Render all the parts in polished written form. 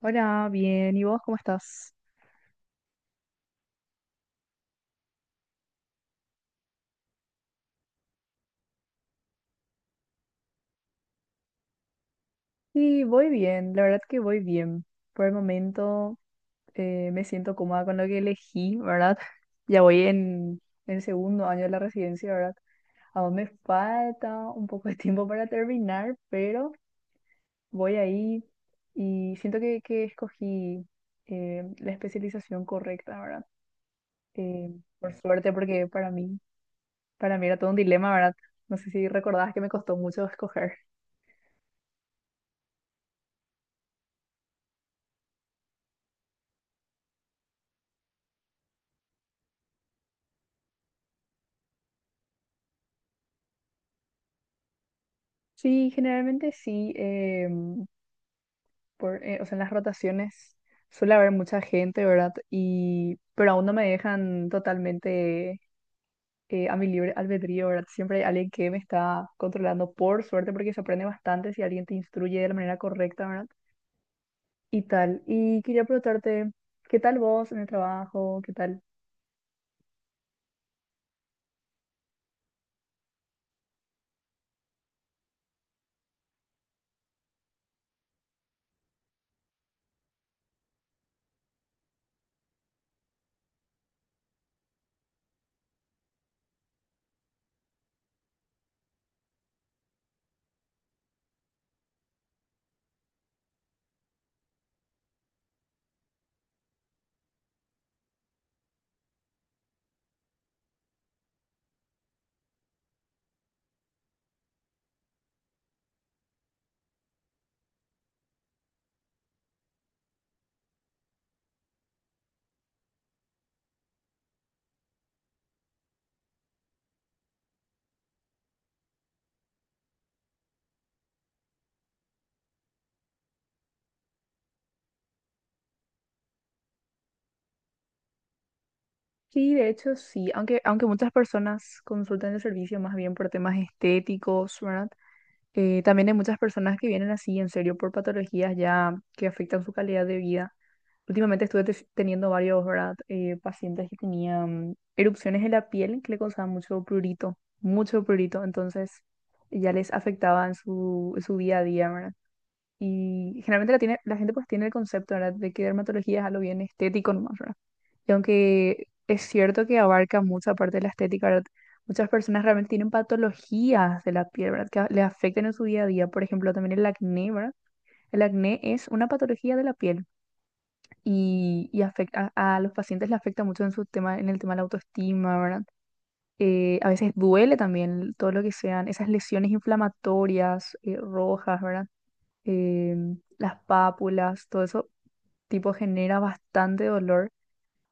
Hola, bien. ¿Y vos cómo estás? Sí, voy bien. La verdad que voy bien. Por el momento me siento cómoda con lo que elegí, ¿verdad? Ya voy en el segundo año de la residencia, ¿verdad? Aún me falta un poco de tiempo para terminar, pero voy ahí y siento que escogí la especialización correcta, ¿verdad? Eh, por suerte, porque para mí era todo un dilema, ¿verdad? No sé si recordabas que me costó mucho escoger. Sí, generalmente sí. O sea, en las rotaciones suele haber mucha gente, ¿verdad? Y, pero aún no me dejan totalmente a mi libre albedrío, ¿verdad? Siempre hay alguien que me está controlando, por suerte, porque se aprende bastante si alguien te instruye de la manera correcta, ¿verdad? Y tal. Y quería preguntarte, ¿qué tal vos en el trabajo? ¿Qué tal? Sí, de hecho sí, aunque muchas personas consultan el servicio más bien por temas estéticos, ¿verdad? También hay muchas personas que vienen así, en serio, por patologías ya que afectan su calidad de vida. Últimamente teniendo varios, ¿verdad? Pacientes que tenían erupciones en la piel que le causaban mucho prurito, entonces ya les afectaba en su día a día, ¿verdad? Y generalmente la gente pues tiene el concepto, ¿verdad?, de que dermatología es algo bien estético nomás, ¿verdad? Y aunque es cierto que abarca mucha parte de la estética, ¿verdad? Muchas personas realmente tienen patologías de la piel, ¿verdad? Le afectan en su día a día. Por ejemplo, también el acné, ¿verdad? El acné es una patología de la piel y afecta a los pacientes, le afecta mucho en su tema, en el tema de la autoestima, ¿verdad? A veces duele también todo lo que sean esas lesiones inflamatorias, rojas, ¿verdad?, eh, las pápulas, todo eso, tipo, genera bastante dolor,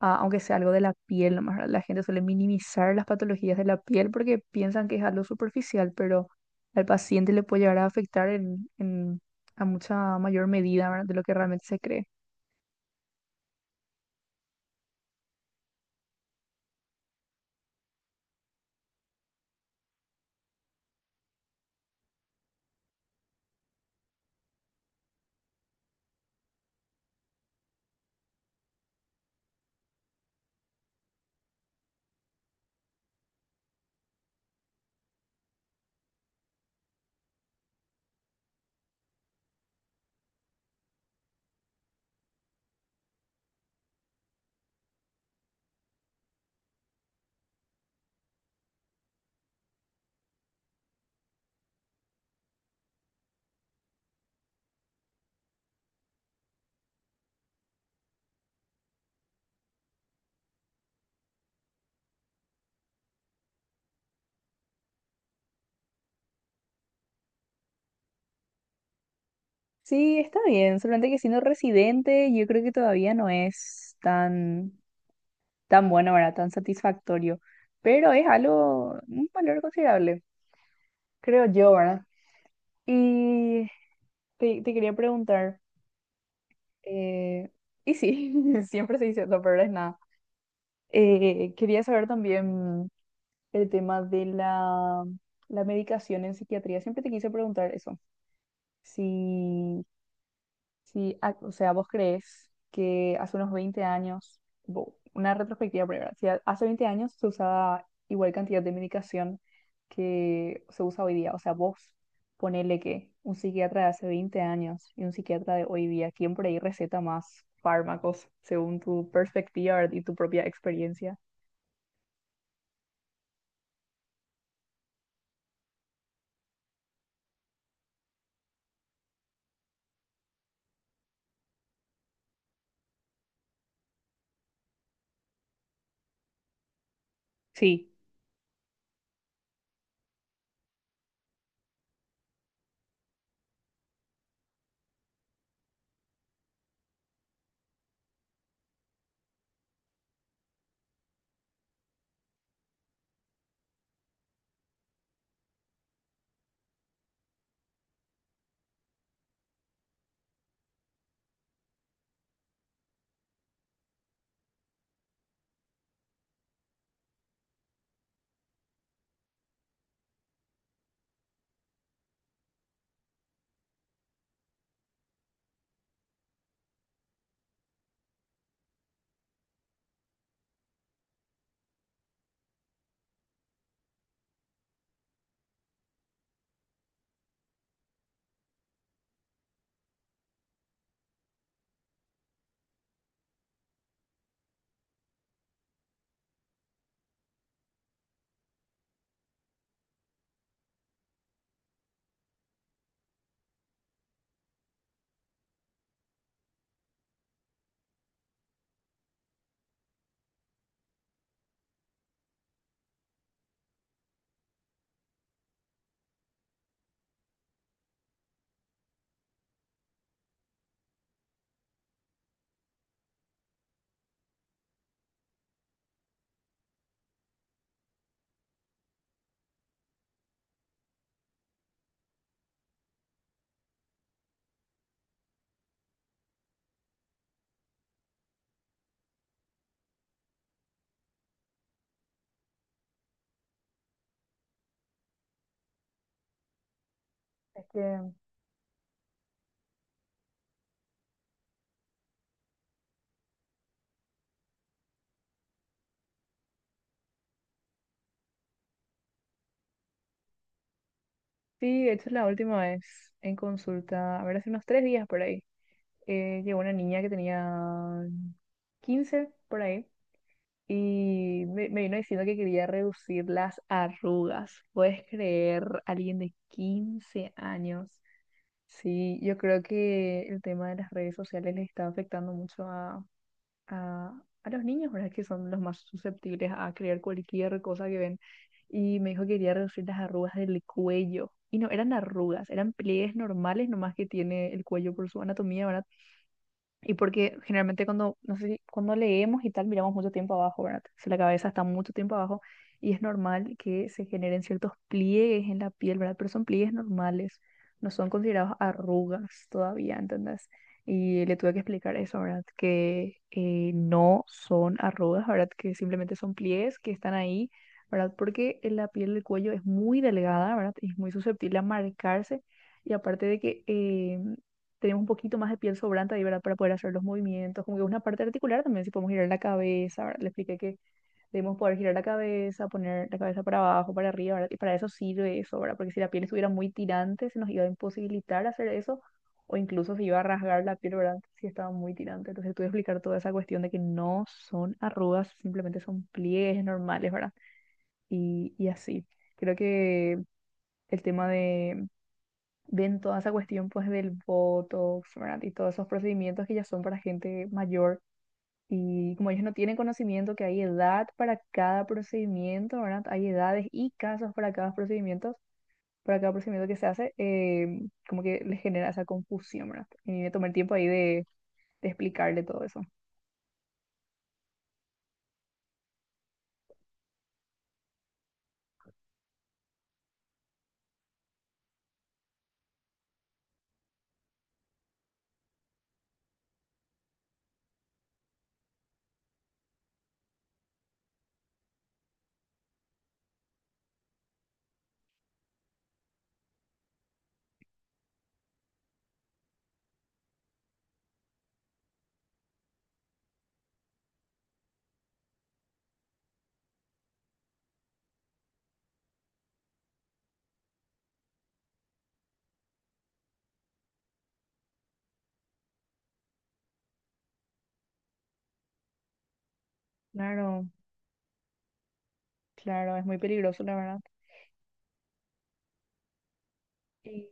ah, aunque sea algo de la piel nomás, ¿verdad? La gente suele minimizar las patologías de la piel porque piensan que es algo superficial, pero al paciente le puede llegar a afectar a mucha mayor medida, ¿verdad?, de lo que realmente se cree. Sí, está bien, solamente que siendo residente, yo creo que todavía no es tan bueno, ¿verdad? Tan satisfactorio, pero es algo, un valor considerable, creo yo, ¿verdad? Y te quería preguntar, eh, y sí, siempre se dice, lo peor es nada. Quería saber también el tema de la medicación en psiquiatría. Siempre te quise preguntar eso, si Sí, ah, o sea, ¿vos crees que hace unos 20 años, una retrospectiva primero, si a- hace 20 años se usaba igual cantidad de medicación que se usa hoy día? O sea, vos ponele que un psiquiatra de hace 20 años y un psiquiatra de hoy día, ¿quién por ahí receta más fármacos según tu perspectiva, ¿verdad?, y tu propia experiencia? Sí. Es que sí, de hecho la última vez en consulta, a ver, hace unos 3 días por ahí. Llegó una niña que tenía 15 por ahí y me vino diciendo que quería reducir las arrugas. ¿Puedes creer? Alguien de 15 años. Sí, yo creo que el tema de las redes sociales les está afectando mucho a, a los niños, ¿verdad? Que son los más susceptibles a creer cualquier cosa que ven. Y me dijo que quería reducir las arrugas del cuello. Y no eran arrugas, eran pliegues normales, nomás que tiene el cuello por su anatomía, ¿verdad? Y porque generalmente cuando, no sé si- cuando leemos y tal, miramos mucho tiempo abajo, ¿verdad? Si la cabeza está mucho tiempo abajo, y es normal que se generen ciertos pliegues en la piel, ¿verdad? Pero son pliegues normales, no son considerados arrugas todavía, ¿entendés? Y le tuve que explicar eso, ¿verdad? Que no son arrugas, ¿verdad? Que simplemente son pliegues que están ahí, ¿verdad? Porque la piel del cuello es muy delgada, ¿verdad? Y es muy susceptible a marcarse. Y aparte de que... tenemos un poquito más de piel sobrante ahí, ¿verdad? Para poder hacer los movimientos, como que una parte articular también, si podemos girar la cabeza, ¿verdad? Le expliqué que debemos poder girar la cabeza, poner la cabeza para abajo, para arriba, ¿verdad? Y para eso sirve eso, ¿verdad? Porque si la piel estuviera muy tirante, se nos iba a imposibilitar hacer eso, o incluso se iba a rasgar la piel, ¿verdad? Si estaba muy tirante. Entonces tuve que explicar toda esa cuestión de que no son arrugas, simplemente son pliegues normales, ¿verdad? Y así. Creo que el tema de, ven toda esa cuestión pues del Botox, ¿verdad? Y todos esos procedimientos que ya son para gente mayor. Y como ellos no tienen conocimiento que hay edad para cada procedimiento, ¿verdad? Hay edades y casos para cada procedimiento que se hace, como que les genera esa confusión, ¿verdad? Y me tomé el tiempo ahí de explicarle todo eso. Claro, claro, es muy peligroso, la verdad. Y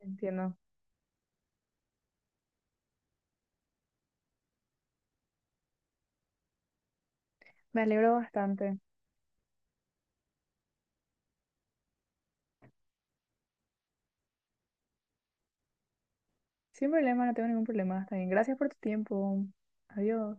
entiendo. Me alegro bastante. Sin problema, no tengo ningún problema. Está bien. Gracias por tu tiempo. Adiós.